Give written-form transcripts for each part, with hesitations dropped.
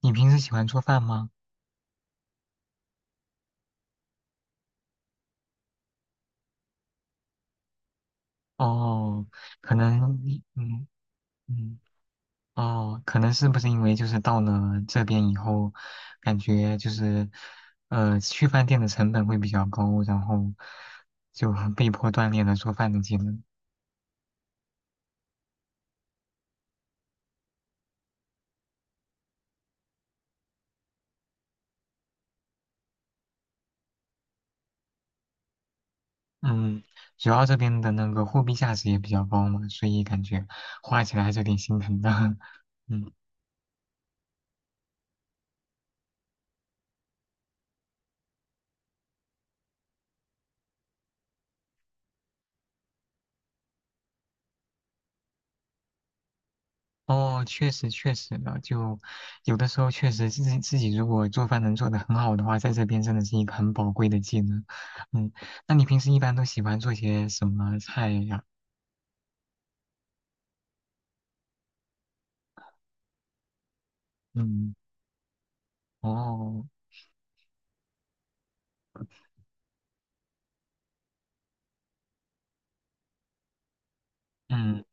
你平时喜欢做饭吗？哦，可能你，嗯，哦，可能是不是因为就是到了这边以后，感觉就是，去饭店的成本会比较高，然后就很被迫锻炼了做饭的技能。嗯，主要这边的那个货币价值也比较高嘛，所以感觉花起来还是有点心疼的。嗯。哦，确实的，就有的时候确实自己如果做饭能做的很好的话，在这边真的是一个很宝贵的技能。嗯，那你平时一般都喜欢做些什么菜呀？嗯，哦，嗯，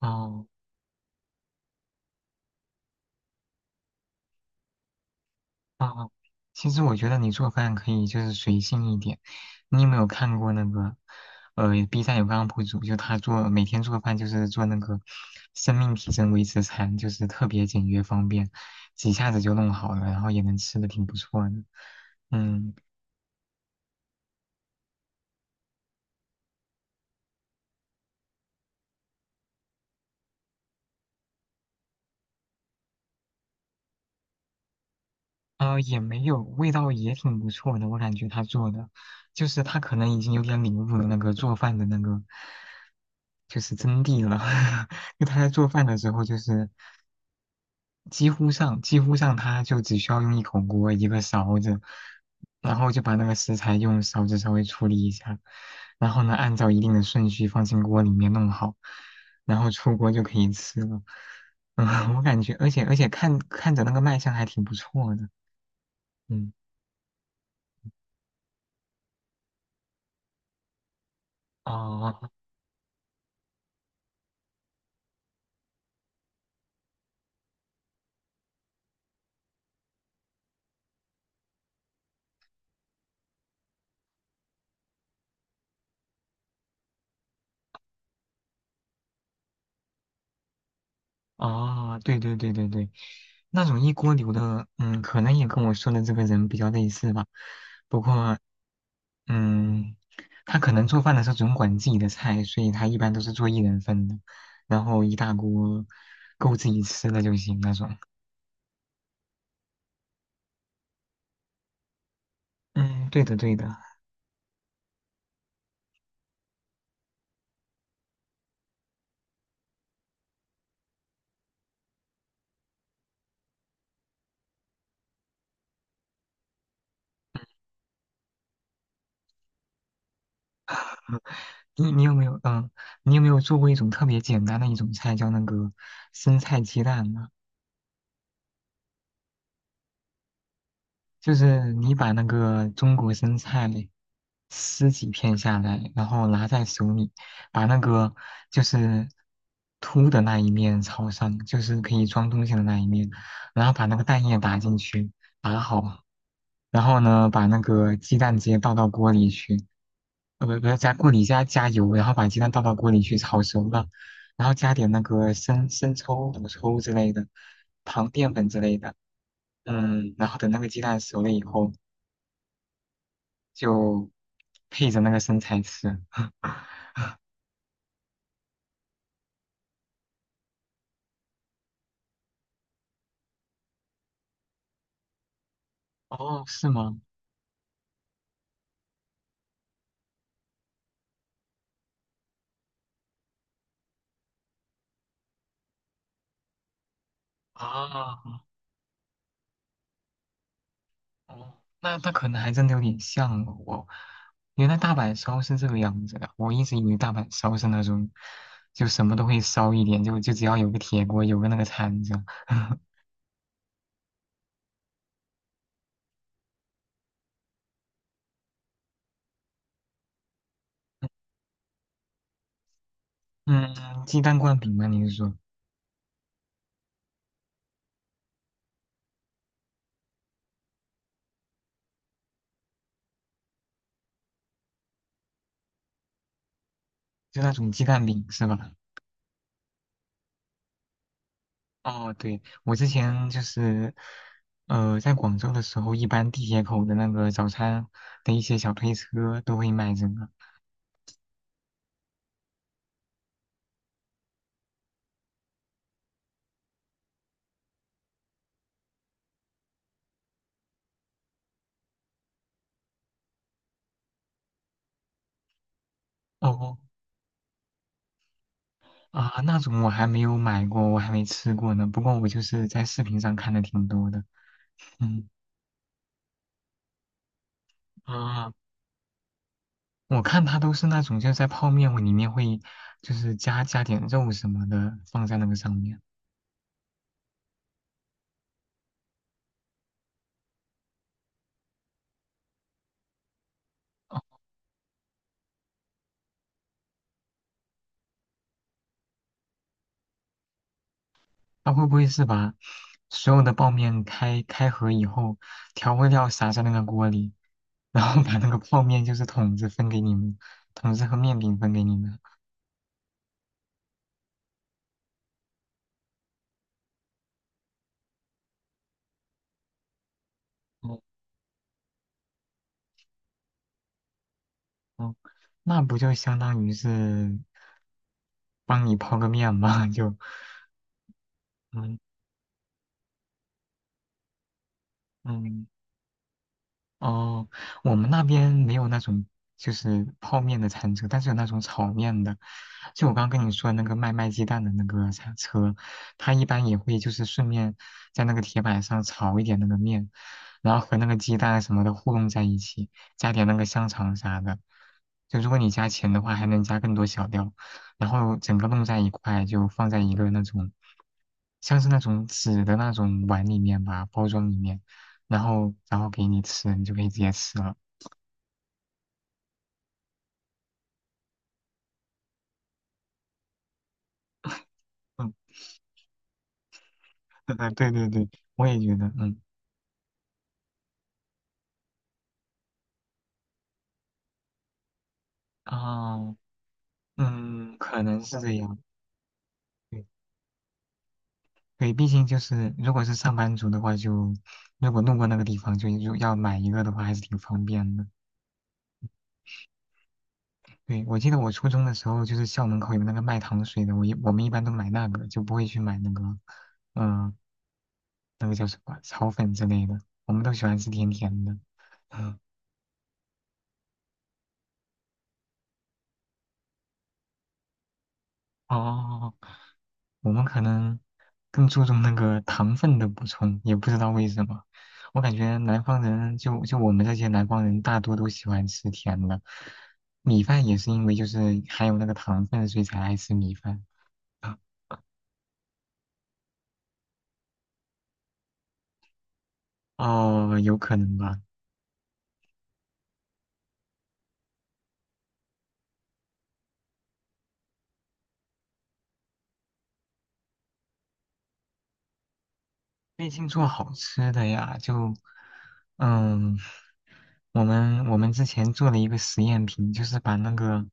哦。啊，其实我觉得你做饭可以就是随性一点。你有没有看过那个，呃，B 站有个 UP 主，就他做每天做饭就是做那个生命体征维持餐，就是特别简约方便，几下子就弄好了，然后也能吃的挺不错的。嗯，也没有，味道也挺不错的，我感觉他做的，就是他可能已经有点领悟了那个做饭的那个，就是真谛了。就他在做饭的时候，就是几乎上它就只需要用一口锅一个勺子，然后就把那个食材用勺子稍微处理一下，然后呢按照一定的顺序放进锅里面弄好，然后出锅就可以吃了。嗯，我感觉，而且看着那个卖相还挺不错的。嗯，哦，哦，对对对对对，那种一锅流的，嗯，可能也跟我说的这个人比较类似吧。不过，嗯，他可能做饭的时候总管自己的菜，所以他一般都是做一人份的，然后一大锅够自己吃的就行那种。嗯，对的对的。你有没有嗯，你有没有做过一种特别简单的一种菜，叫那个生菜鸡蛋呢？就是你把那个中国生菜。撕几片下来，然后拿在手里，把那个就是凸的那一面朝上，就是可以装东西的那一面，然后把那个蛋液打进去，打好，然后呢，把那个鸡蛋直接倒到锅里去，呃，不要加锅里加油，然后把鸡蛋倒到锅里去炒熟了，然后加点那个生抽、老抽之类的，糖、淀粉之类的。嗯，然后等那个鸡蛋熟了以后，就配着那个生菜吃。哦，是吗？啊，哦，那那可能还真的有点像哦我。原来大阪烧是这个样子的，我一直以为大阪烧是那种，就什么都会烧一点，就只要有个铁锅，有个那个铲子。嗯，鸡蛋灌饼吗？你是说就那种鸡蛋饼是吧？哦，对，我之前就是，呃，在广州的时候，一般地铁口的那个早餐的一些小推车都会卖这个。哦啊，那种我还没有买过，我还没吃过呢。不过我就是在视频上看的挺多的。嗯啊，我看它都是那种就是在泡面里面会就是加点肉什么的放在那个上面。哦，它会不会是把所有的泡面开盒以后，调味料撒在那个锅里，然后把那个泡面就是桶子分给你们，桶子和面饼分给你们？哦哦，那不就相当于是帮你泡个面吗？就。嗯嗯，哦，我们那边没有那种就是泡面的餐车，但是有那种炒面的。就我刚跟你说的那个卖鸡蛋的那个餐车，它一般也会就是顺便在那个铁板上炒一点那个面，然后和那个鸡蛋什么的糊弄在一起，加点那个香肠啥的。就如果你加钱的话，还能加更多小料，然后整个弄在一块，就放在一个那种像是那种纸的那种碗里面吧，包装里面。然后给你吃，你就可以直接吃了。嗯，对对对，我也觉得，嗯，哦，嗯，可能是这样。对对，毕竟就是如果是上班族的话就，如果路过那个地方就要买一个的话，还是挺方便的。对，我记得我初中的时候，就是校门口有那个卖糖水的，我们一般都买那个，就不会去买那个，嗯、那个叫什么炒粉之类的，我们都喜欢吃甜甜的。嗯，哦。我们可能更注重那个糖分的补充，也不知道为什么。我感觉南方人就我们这些南方人，大多都喜欢吃甜的。米饭也是因为就是含有那个糖分，所以才爱吃米饭。哦，有可能吧。最近做好吃的呀，就，嗯，我们之前做了一个实验品，就是把那个，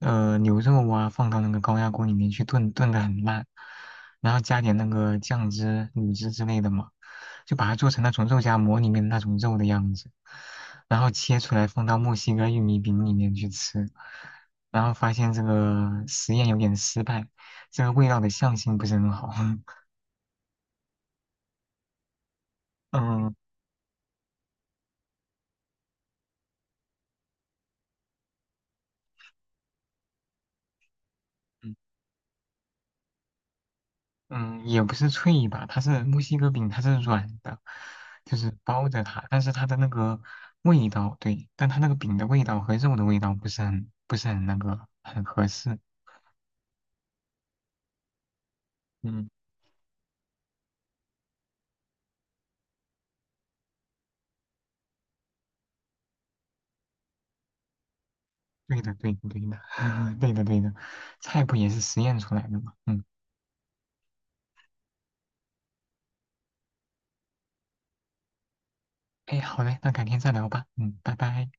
呃，牛肉啊放到那个高压锅里面去炖，炖得很烂，然后加点那个酱汁、卤汁之类的嘛，就把它做成那种肉夹馍里面那种肉的样子，然后切出来放到墨西哥玉米饼里面去吃，然后发现这个实验有点失败，这个味道的相性不是很好，嗯。嗯，也不是脆吧，它是墨西哥饼，它是软的，就是包着它，但是它的那个味道，对，但它那个饼的味道和肉的味道不是很那个很合适。嗯，对的，对的，对的，对的，对的，菜谱也是实验出来的嘛。嗯，哎，好嘞，那改天再聊吧。嗯，拜拜。